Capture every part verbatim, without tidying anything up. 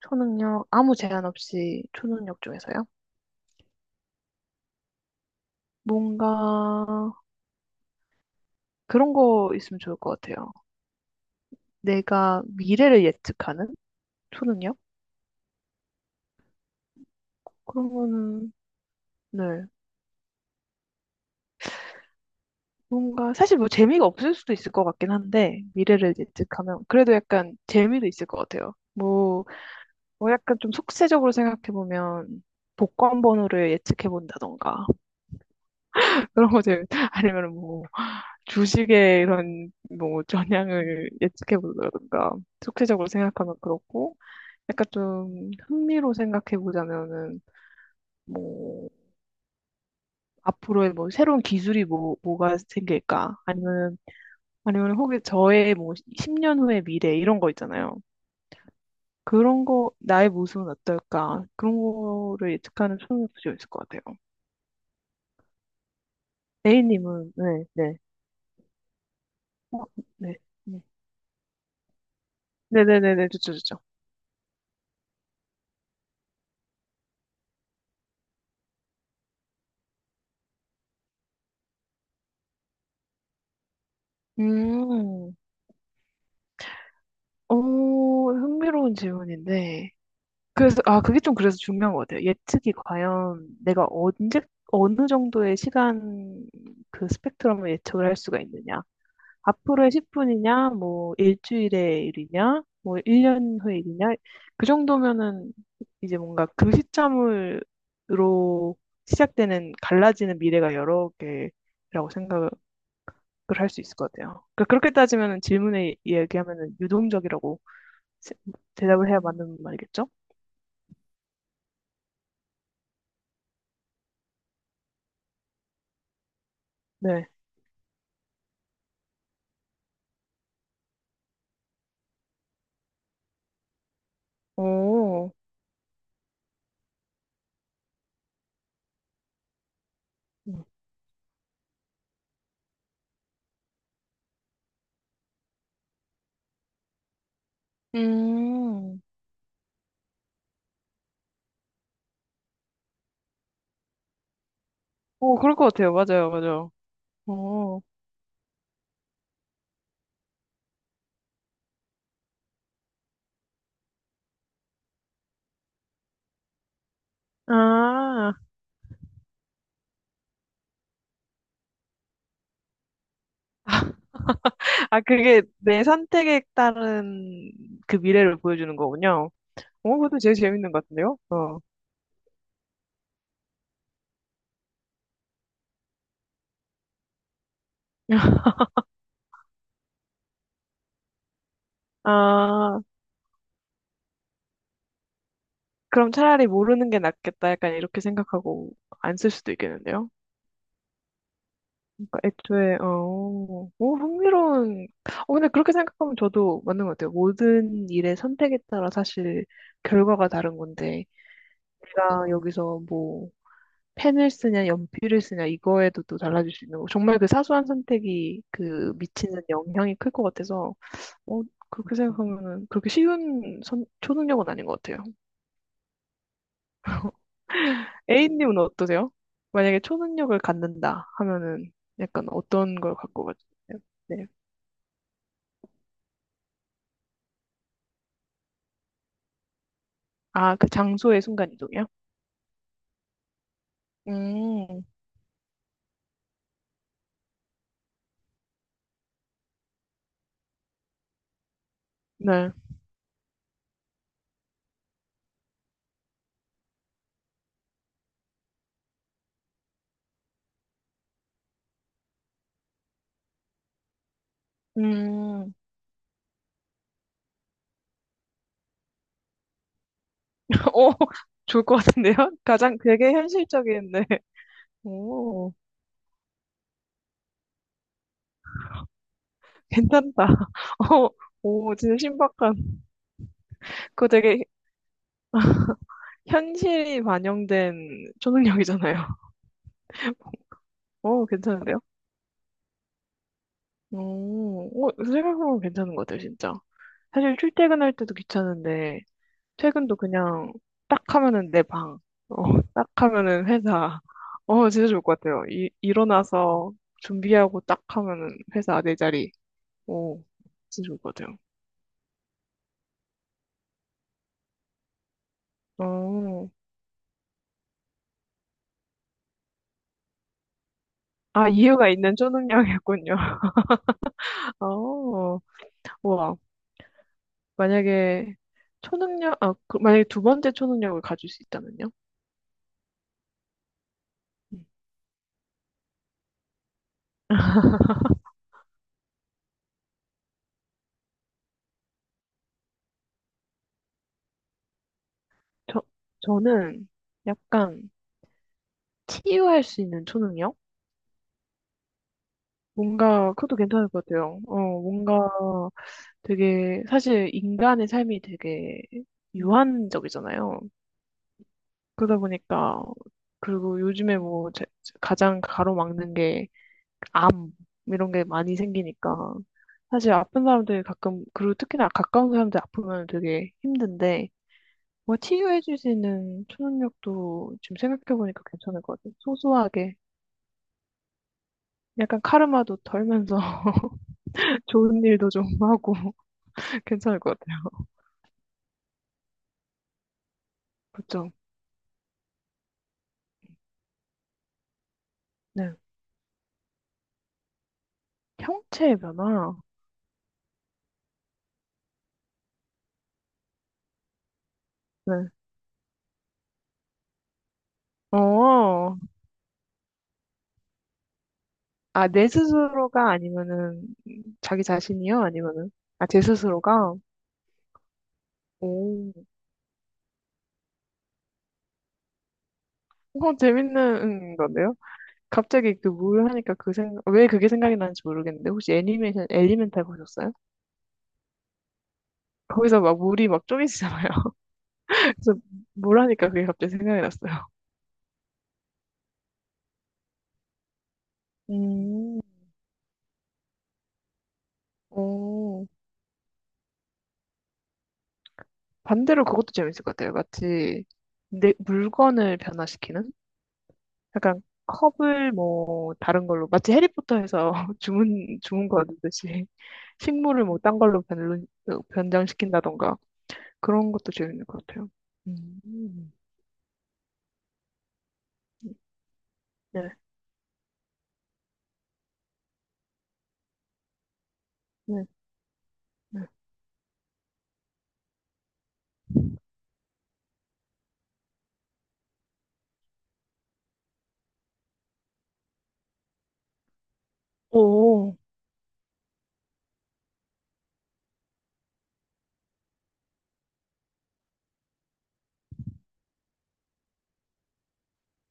초능력, 아무 제한 없이 초능력 중에서요? 뭔가 그런 거 있으면 좋을 것 같아요. 내가 미래를 예측하는 초능력? 그런 거는, 네. 뭔가, 사실 뭐 재미가 없을 수도 있을 것 같긴 한데, 미래를 예측하면. 그래도 약간 재미도 있을 것 같아요. 뭐, 뭐 약간 좀 속세적으로 생각해보면, 복권 번호를 예측해본다던가, 그런 것들, 아니면 주식의 이런 뭐 전향을 예측해 보자든가, 총체적으로 생각하면 그렇고, 약간 좀 흥미로 생각해 보자면은 뭐 앞으로의 뭐 새로운 기술이 뭐 뭐가 생길까, 아니면 아니면 혹시 저의 뭐 십 년 후의 미래 이런 거 있잖아요. 그런 거 나의 모습은 어떨까, 그런 거를 예측하는 초능력도 좀 있을 것 같아요. A님은 네, 네. 어, 네. 네. 네네네네, 좋죠, 좋죠. 음, 오, 흥미로운 질문인데. 그래서, 아, 그게 좀 그래서 중요한 것 같아요. 예측이 과연 내가 언제, 어느 정도의 시간, 그 스펙트럼을 예측을 할 수가 있느냐. 앞으로의 십 분이냐, 뭐, 일주일의 일이냐, 뭐, 일 년 후의 일이냐. 그 정도면은 이제 뭔가 그 시점으로 시작되는 갈라지는 미래가 여러 개라고 생각을 할 수 있을 것 같아요. 그러니까 그렇게 따지면 질문에 얘기하면 유동적이라고 세- 대답을 해야 맞는 말이겠죠? 네. 오, 음. 음, 오, 그럴 것 같아요. 맞아요, 맞아요. 오, 아, 아, 그게 내 선택에 따른 그 미래를 보여주는 거군요. 오, 그것도 제일 재밌는 것 같은데요? 어. 아, 그럼 차라리 모르는 게 낫겠다. 약간 이렇게 생각하고 안 쓸 수도 있겠는데요? 그러니까 애초에 어, 오, 흥미로운. 어, 근데 그렇게 생각하면 저도 맞는 것 같아요. 모든 일의 선택에 따라 사실 결과가 다른 건데, 내가 여기서 뭐 펜을 쓰냐 연필을 쓰냐, 이거에도 또 달라질 수 있는 거. 정말 그 사소한 선택이 그 미치는 영향이 클 것 같아서, 어, 그렇게 생각하면은 그렇게 쉬운 선, 초능력은 아닌 것 같아요. A님은 어떠세요? 만약에 초능력을 갖는다 하면은 약간 어떤 걸 갖고 가세요? 아, 그 장소의 순간이동이요? 음, 네. 음, 오, 좋을 것 같은데요? 가장 되게 현실적인데. 오, 괜찮다. 오, 오, 진짜 신박한. 그거 되게 현실이 반영된 초능력이잖아요. 오, 괜찮은데요? 오, 오, 생각해보면 괜찮은 것 같아요, 진짜. 사실 출퇴근할 때도 귀찮은데, 퇴근도 그냥 딱 하면은 내 방, 어, 딱 하면은 회사. 어, 진짜 좋을 것 같아요. 이, 일어나서 준비하고 딱 하면은 회사 내 자리. 오, 진짜 좋을 것 같아요. 어, 아, 이유가 있는 초능력이었군요. 어, 와, 만약에 초능력, 아, 그, 만약에 두 번째 초능력을 가질 수 있다면요? 음. 저, 저는 약간 치유할 수 있는 초능력? 뭔가, 그것도 괜찮을 것 같아요. 어, 뭔가, 되게 사실 인간의 삶이 되게 유한적이잖아요. 그러다 보니까 그리고 요즘에 뭐 제- 가장 가로막는 게 암 이런 게 많이 생기니까 사실 아픈 사람들이 가끔, 그리고 특히나 가까운 사람들 아프면 되게 힘든데, 뭐 치유해줄 수 있는 초능력도 지금 생각해보니까 괜찮을 것 같아요. 소소하게 약간 카르마도 덜면서 좋은 일도 좀 하고 괜찮을 것 같아요. 그렇죠? 네. 형체의 변화. 네. 어, 아, 내 스스로가 아니면은 자기 자신이요? 아니면은, 아, 제 스스로가? 오, 어, 재밌는 건데요? 갑자기 그 물 하니까 그 생각, 왜 그게 생각이 나는지 모르겠는데, 혹시 애니메이션, 엘리멘탈 보셨어요? 거기서 막 물이 막 쪼개지잖아요. 그래서 물 하니까 그게 갑자기 생각이 났어요. 음, 오, 반대로 그것도 재밌을 것 같아요. 마치 내 물건을 변화시키는? 약간 컵을 뭐 다른 걸로 마치 해리포터에서 주문 주문 거두듯이 식물을 뭐 딴 걸로 변, 변장시킨다던가 그런 것도 재밌는 것 같아요. 음. 네, 네, 네. 오,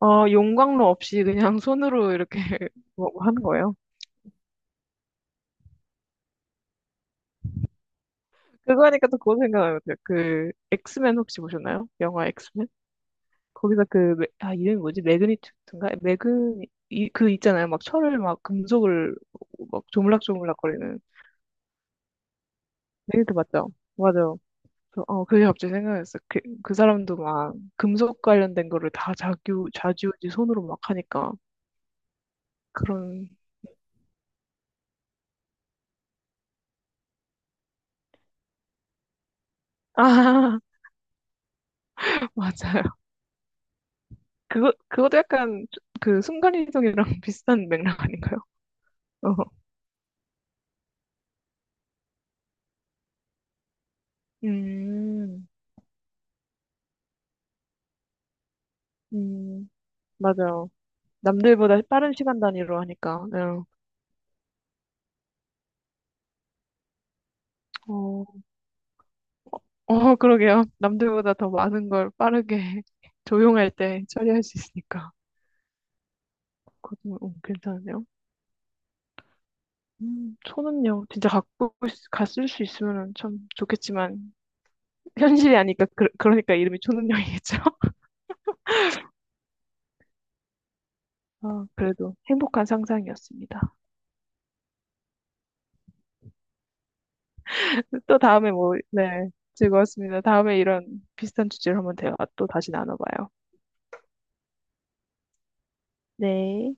아, 용광로 없이 그냥 손으로 이렇게 뭐 하는 거예요? 그거니까 또 그거 생각나요. 그 엑스맨 혹시 보셨나요? 영화 엑스맨? 거기서 그, 매- 아, 이름이 뭐지? 매그니튜드인가? 매그니, 이, 그 있잖아요. 막 철을 막 금속을 막 조물락조물락 거리는. 매그니튜드 맞죠? 맞아요. 그래서 어, 그게 갑자기 생각났어. 그, 그 사람도 막 금속 관련된 거를 다 자규, 좌지우지 손으로 막 하니까. 그런, 아, 맞아요. 그거, 그것도 약간 그 순간이동이랑 비슷한 맥락 아닌가요? 어. 음, 음, 맞아요. 남들보다 빠른 시간 단위로 하니까. 네. 어, 어, 그러게요. 남들보다 더 많은 걸 빠르게 조용할 때 처리할 수 있으니까. 그것도 어, 괜찮네요. 음, 저는요, 진짜 갖고, 있- 갔을 수 있으면 참 좋겠지만, 현실이 아니까, 그, 그러니까 이름이 초능력이겠죠? 아, 그래도 행복한 상상이었습니다. 또 다음에 뭐, 네, 즐거웠습니다. 다음에 이런 비슷한 주제로 한번 대화 또 다시 나눠봐요. 네.